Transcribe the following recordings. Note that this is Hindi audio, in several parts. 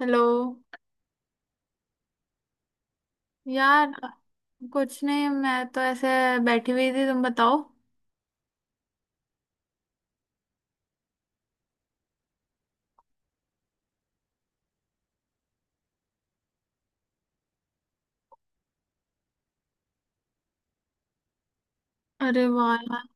हेलो यार। कुछ नहीं, मैं तो ऐसे बैठी हुई थी, तुम बताओ। अरे वाह यार।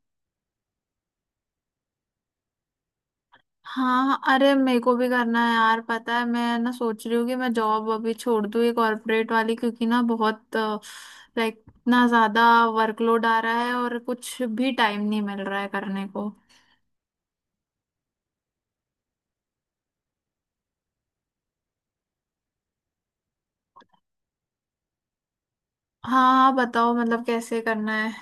हाँ, अरे मेरे को भी करना है यार। पता है मैं ना सोच रही हूँ कि मैं जॉब अभी छोड़ दूँ ये कॉर्पोरेट वाली, क्योंकि ना बहुत लाइक इतना ज्यादा वर्कलोड आ रहा है और कुछ भी टाइम नहीं मिल रहा है करने को। हाँ हाँ, बताओ मतलब कैसे करना है।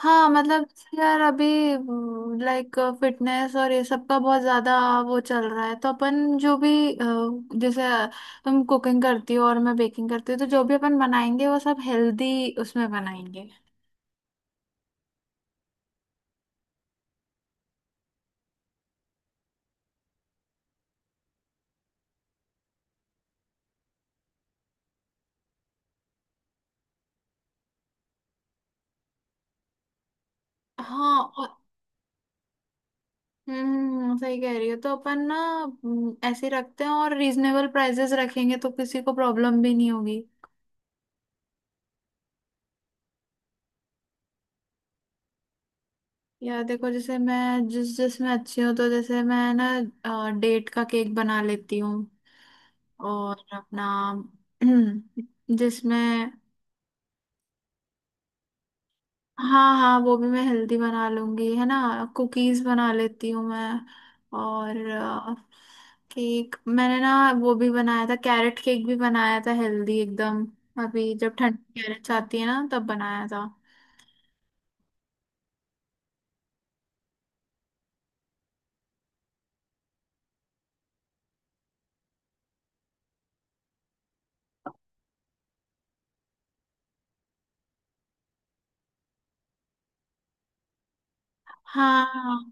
हाँ मतलब, यार अभी लाइक फिटनेस और ये सब का बहुत ज्यादा वो चल रहा है, तो अपन जो भी जैसे तुम कुकिंग करती हो और मैं बेकिंग करती हूँ तो जो भी अपन बनाएंगे वो सब हेल्दी उसमें बनाएंगे। हाँ। हम्म, सही कह रही हो, तो अपन ना ऐसे ही रखते हैं और रीजनेबल प्राइसेस रखेंगे तो किसी को प्रॉब्लम भी नहीं होगी। यार देखो, जैसे मैं जिस जिसमें अच्छी हूँ, तो जैसे मैं ना डेट का केक बना लेती हूँ और अपना जिसमें। हाँ हाँ, वो भी मैं हेल्दी बना लूंगी, है ना। कुकीज बना लेती हूँ मैं। और केक मैंने ना वो भी बनाया था, कैरेट केक भी बनाया था हेल्दी एकदम। अभी जब ठंडी कैरेट्स आती है ना तब बनाया था। हाँ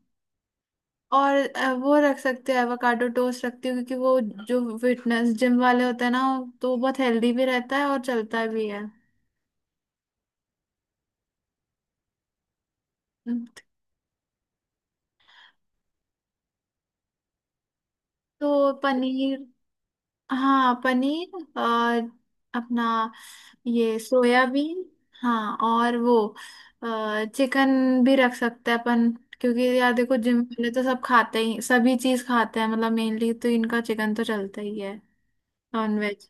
और वो रख सकते हैं, एवोकाडो टोस्ट रखती हूँ, क्योंकि वो जो फिटनेस जिम वाले होते हैं ना, तो वो बहुत हेल्दी भी रहता है और चलता भी है। तो पनीर। हाँ पनीर। और अपना ये सोयाबीन। हाँ और वो चिकन भी रख सकते हैं अपन, क्योंकि यार देखो, जिम वाले तो सब खाते ही, सभी चीज खाते हैं, मतलब मेनली तो इनका चिकन तो चलता ही है। Non veg.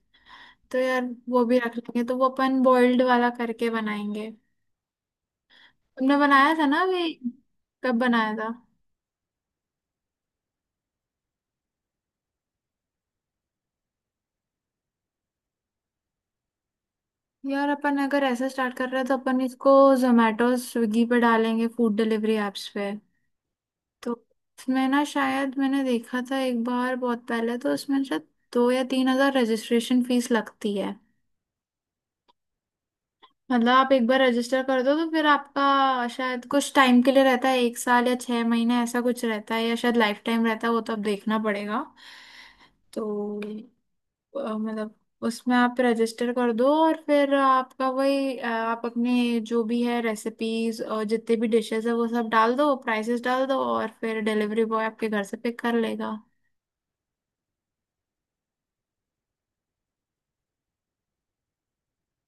तो यार वो भी रख लेंगे, तो वो अपन बॉइल्ड वाला करके बनाएंगे। तुमने बनाया था ना अभी? कब बनाया था? यार अपन अगर ऐसा स्टार्ट कर रहे हैं तो अपन इसको जोमेटो स्विगी पे डालेंगे, फूड डिलीवरी एप्स पे। तो उसमें ना शायद मैंने देखा था एक बार बहुत पहले, तो उसमें शायद 2 या 3 हज़ार रजिस्ट्रेशन फीस लगती है। मतलब आप एक बार रजिस्टर कर दो तो फिर आपका शायद कुछ टाइम के लिए रहता है, 1 साल या 6 महीने ऐसा कुछ रहता है, या शायद लाइफ टाइम रहता है, वो तो अब देखना पड़ेगा। तो मतलब उसमें आप रजिस्टर कर दो, और फिर आपका वही आप अपने जो भी है रेसिपीज और जितने भी डिशेस है वो सब डाल दो, प्राइसेस डाल दो, और फिर डिलीवरी बॉय आपके घर से पिक कर लेगा।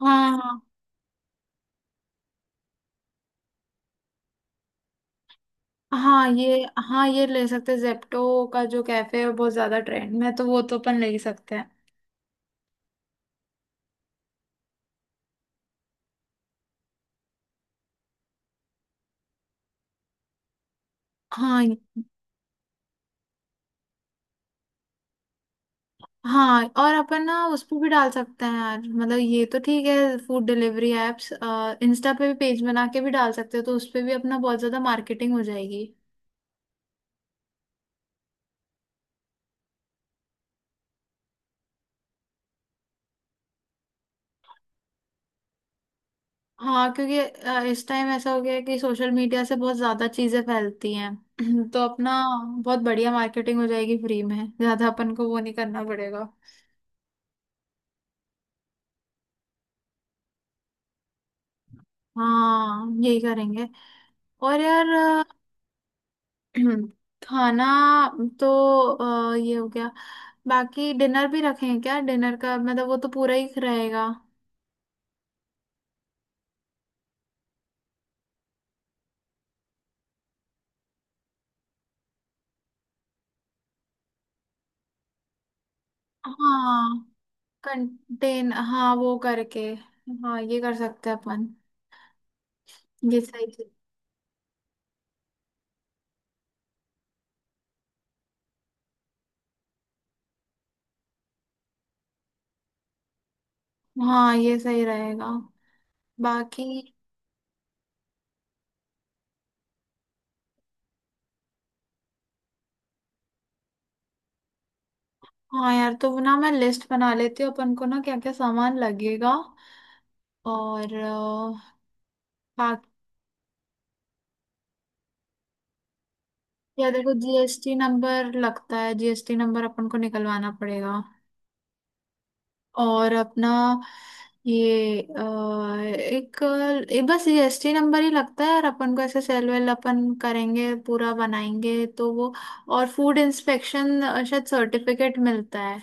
हाँ हाँ ये। हाँ, ये ले सकते हैं, जेप्टो का जो कैफे है बहुत ज्यादा ट्रेंड में है, तो वो तो अपन ले ही सकते हैं। हाँ। हाँ, और अपन ना उस पर भी डाल सकते हैं यार, मतलब ये तो ठीक है फूड डिलीवरी एप्स। इंस्टा पे भी पेज बना के भी डाल सकते हैं, तो उस पे भी अपना बहुत ज्यादा मार्केटिंग हो जाएगी। हाँ, क्योंकि इस टाइम ऐसा हो गया है कि सोशल मीडिया से बहुत ज्यादा चीजें फैलती हैं। तो अपना बहुत बढ़िया मार्केटिंग हो जाएगी फ्री में, ज्यादा अपन को वो नहीं करना पड़ेगा। हाँ, यही करेंगे। और यार खाना तो ये हो गया। बाकी डिनर भी रखें क्या? डिनर का मतलब वो तो पूरा ही रहेगा। हाँ, कंटेन, हाँ वो करके। हाँ, ये कर सकते हैं अपन। ये सही चीज- हाँ ये सही रहेगा। बाकी हाँ यार, तो वो ना मैं लिस्ट बना लेती हूँ अपन को ना, क्या क्या सामान लगेगा। और बाकी यार देखो, जीएसटी नंबर लगता है, जीएसटी नंबर अपन को निकलवाना पड़ेगा। और अपना ये एक, एक बस जीएसटी नंबर ही लगता है, और अपन को ऐसे सेल वेल अपन करेंगे पूरा बनाएंगे तो वो। और फूड इंस्पेक्शन शायद सर्टिफिकेट मिलता है,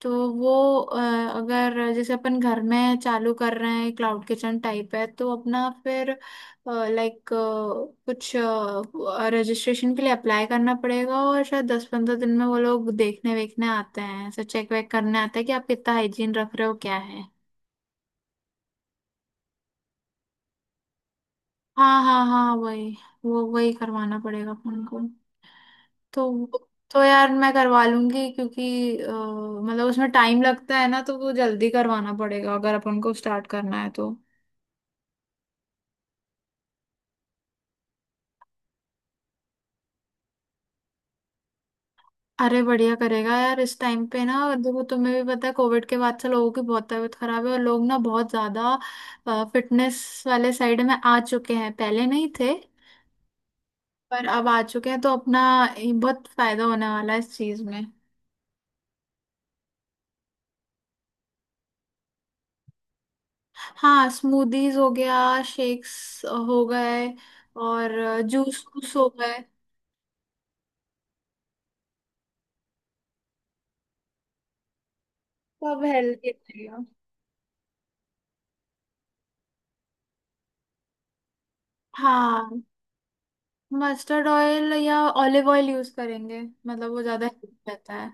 तो वो अ, अगर जैसे अपन घर में चालू कर रहे हैं, क्लाउड किचन टाइप है, तो अपना फिर लाइक कुछ रजिस्ट्रेशन के लिए अप्लाई करना पड़ेगा, और शायद 10-15 दिन में वो लोग देखने वेखने आते हैं, ऐसा चेक वेक करने आता है कि आप कितना हाइजीन रख रहे हो क्या है। हाँ हाँ हाँ, वही। वो वही करवाना पड़ेगा अपन को। तो यार मैं करवा लूंगी, क्योंकि मतलब उसमें टाइम लगता है ना, तो वो जल्दी करवाना पड़ेगा अगर अपन को स्टार्ट करना है तो। अरे बढ़िया करेगा यार, इस टाइम पे ना। और देखो तुम्हें भी पता है, कोविड के बाद से लोगों की बहुत तबीयत खराब है, और लोग ना बहुत ज्यादा फिटनेस वाले साइड में आ चुके हैं, पहले नहीं थे। पर अब आ चुके हैं, तो अपना ये बहुत फायदा होने वाला है इस चीज में। हाँ, स्मूदीज हो गया, शेक्स हो गए, और जूस वूस हो गए। सब हेल्दी रहेगा। हाँ, मस्टर्ड ऑयल या ऑलिव ऑयल यूज करेंगे, मतलब वो ज्यादा हेल्प रहता है।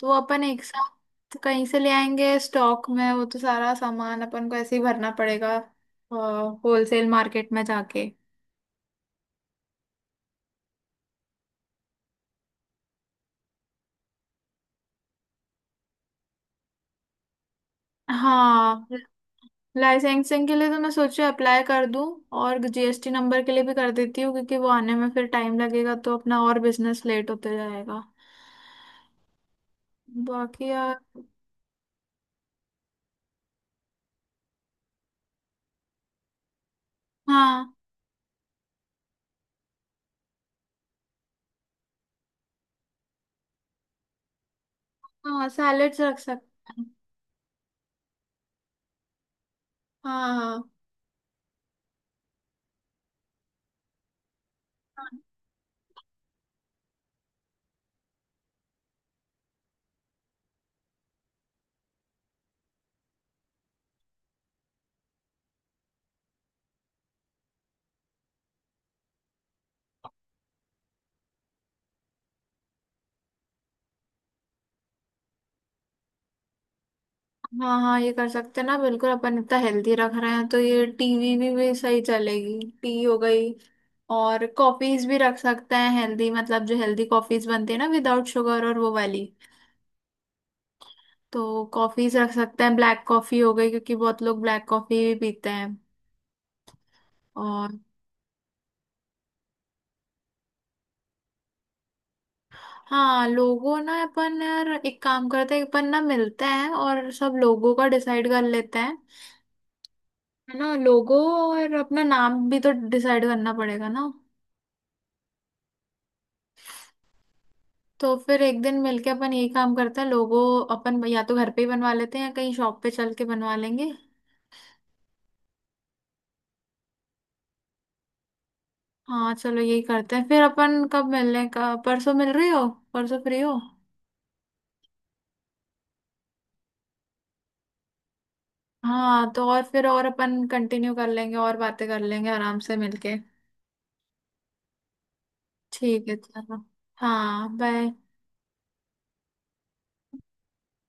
तो वो अपन एक साथ कहीं से ले आएंगे स्टॉक में, वो तो सारा सामान अपन को ऐसे ही भरना पड़ेगा, होलसेल मार्केट में जाके। हाँ, लाइसेंसिंग के लिए तो मैं सोचा अप्लाई कर दूं, और जीएसटी नंबर के लिए भी कर देती हूँ, क्योंकि वो आने में फिर टाइम लगेगा, तो अपना और बिजनेस लेट होते जाएगा। बाकी यार। हाँ हाँ, सैलेड्स रख सकते हैं। हाँ हाँ हाँ। हाँ, ये कर सकते हैं ना बिल्कुल, अपन इतना हेल्दी रख रहे हैं, तो ये टीवी भी सही चलेगी, टी हो गई। और कॉफीज भी रख सकते हैं हेल्दी, मतलब जो हेल्दी कॉफीज बनती है ना विदाउट शुगर, और वो वाली। तो कॉफीज रख सकते हैं, ब्लैक कॉफी हो गई, क्योंकि बहुत लोग ब्लैक कॉफी भी पीते हैं। और हाँ, लोगों ना अपन यार एक काम करते हैं, अपन ना मिलते हैं और सब लोगों का डिसाइड कर लेते हैं। है ना, लोगों। और अपना नाम भी तो डिसाइड करना पड़ेगा ना। तो फिर एक दिन मिलके अपन ये काम करते हैं लोगों। अपन या तो घर पे ही बनवा लेते हैं या कहीं शॉप पे चल के बनवा लेंगे। हाँ चलो, यही करते हैं। फिर अपन कब मिलने का? परसों मिल रही हो? परसों फ्री हो? हाँ, तो और फिर और अपन कंटिन्यू कर लेंगे और बातें कर लेंगे आराम से मिलके। ठीक है, चलो। हाँ, बाय।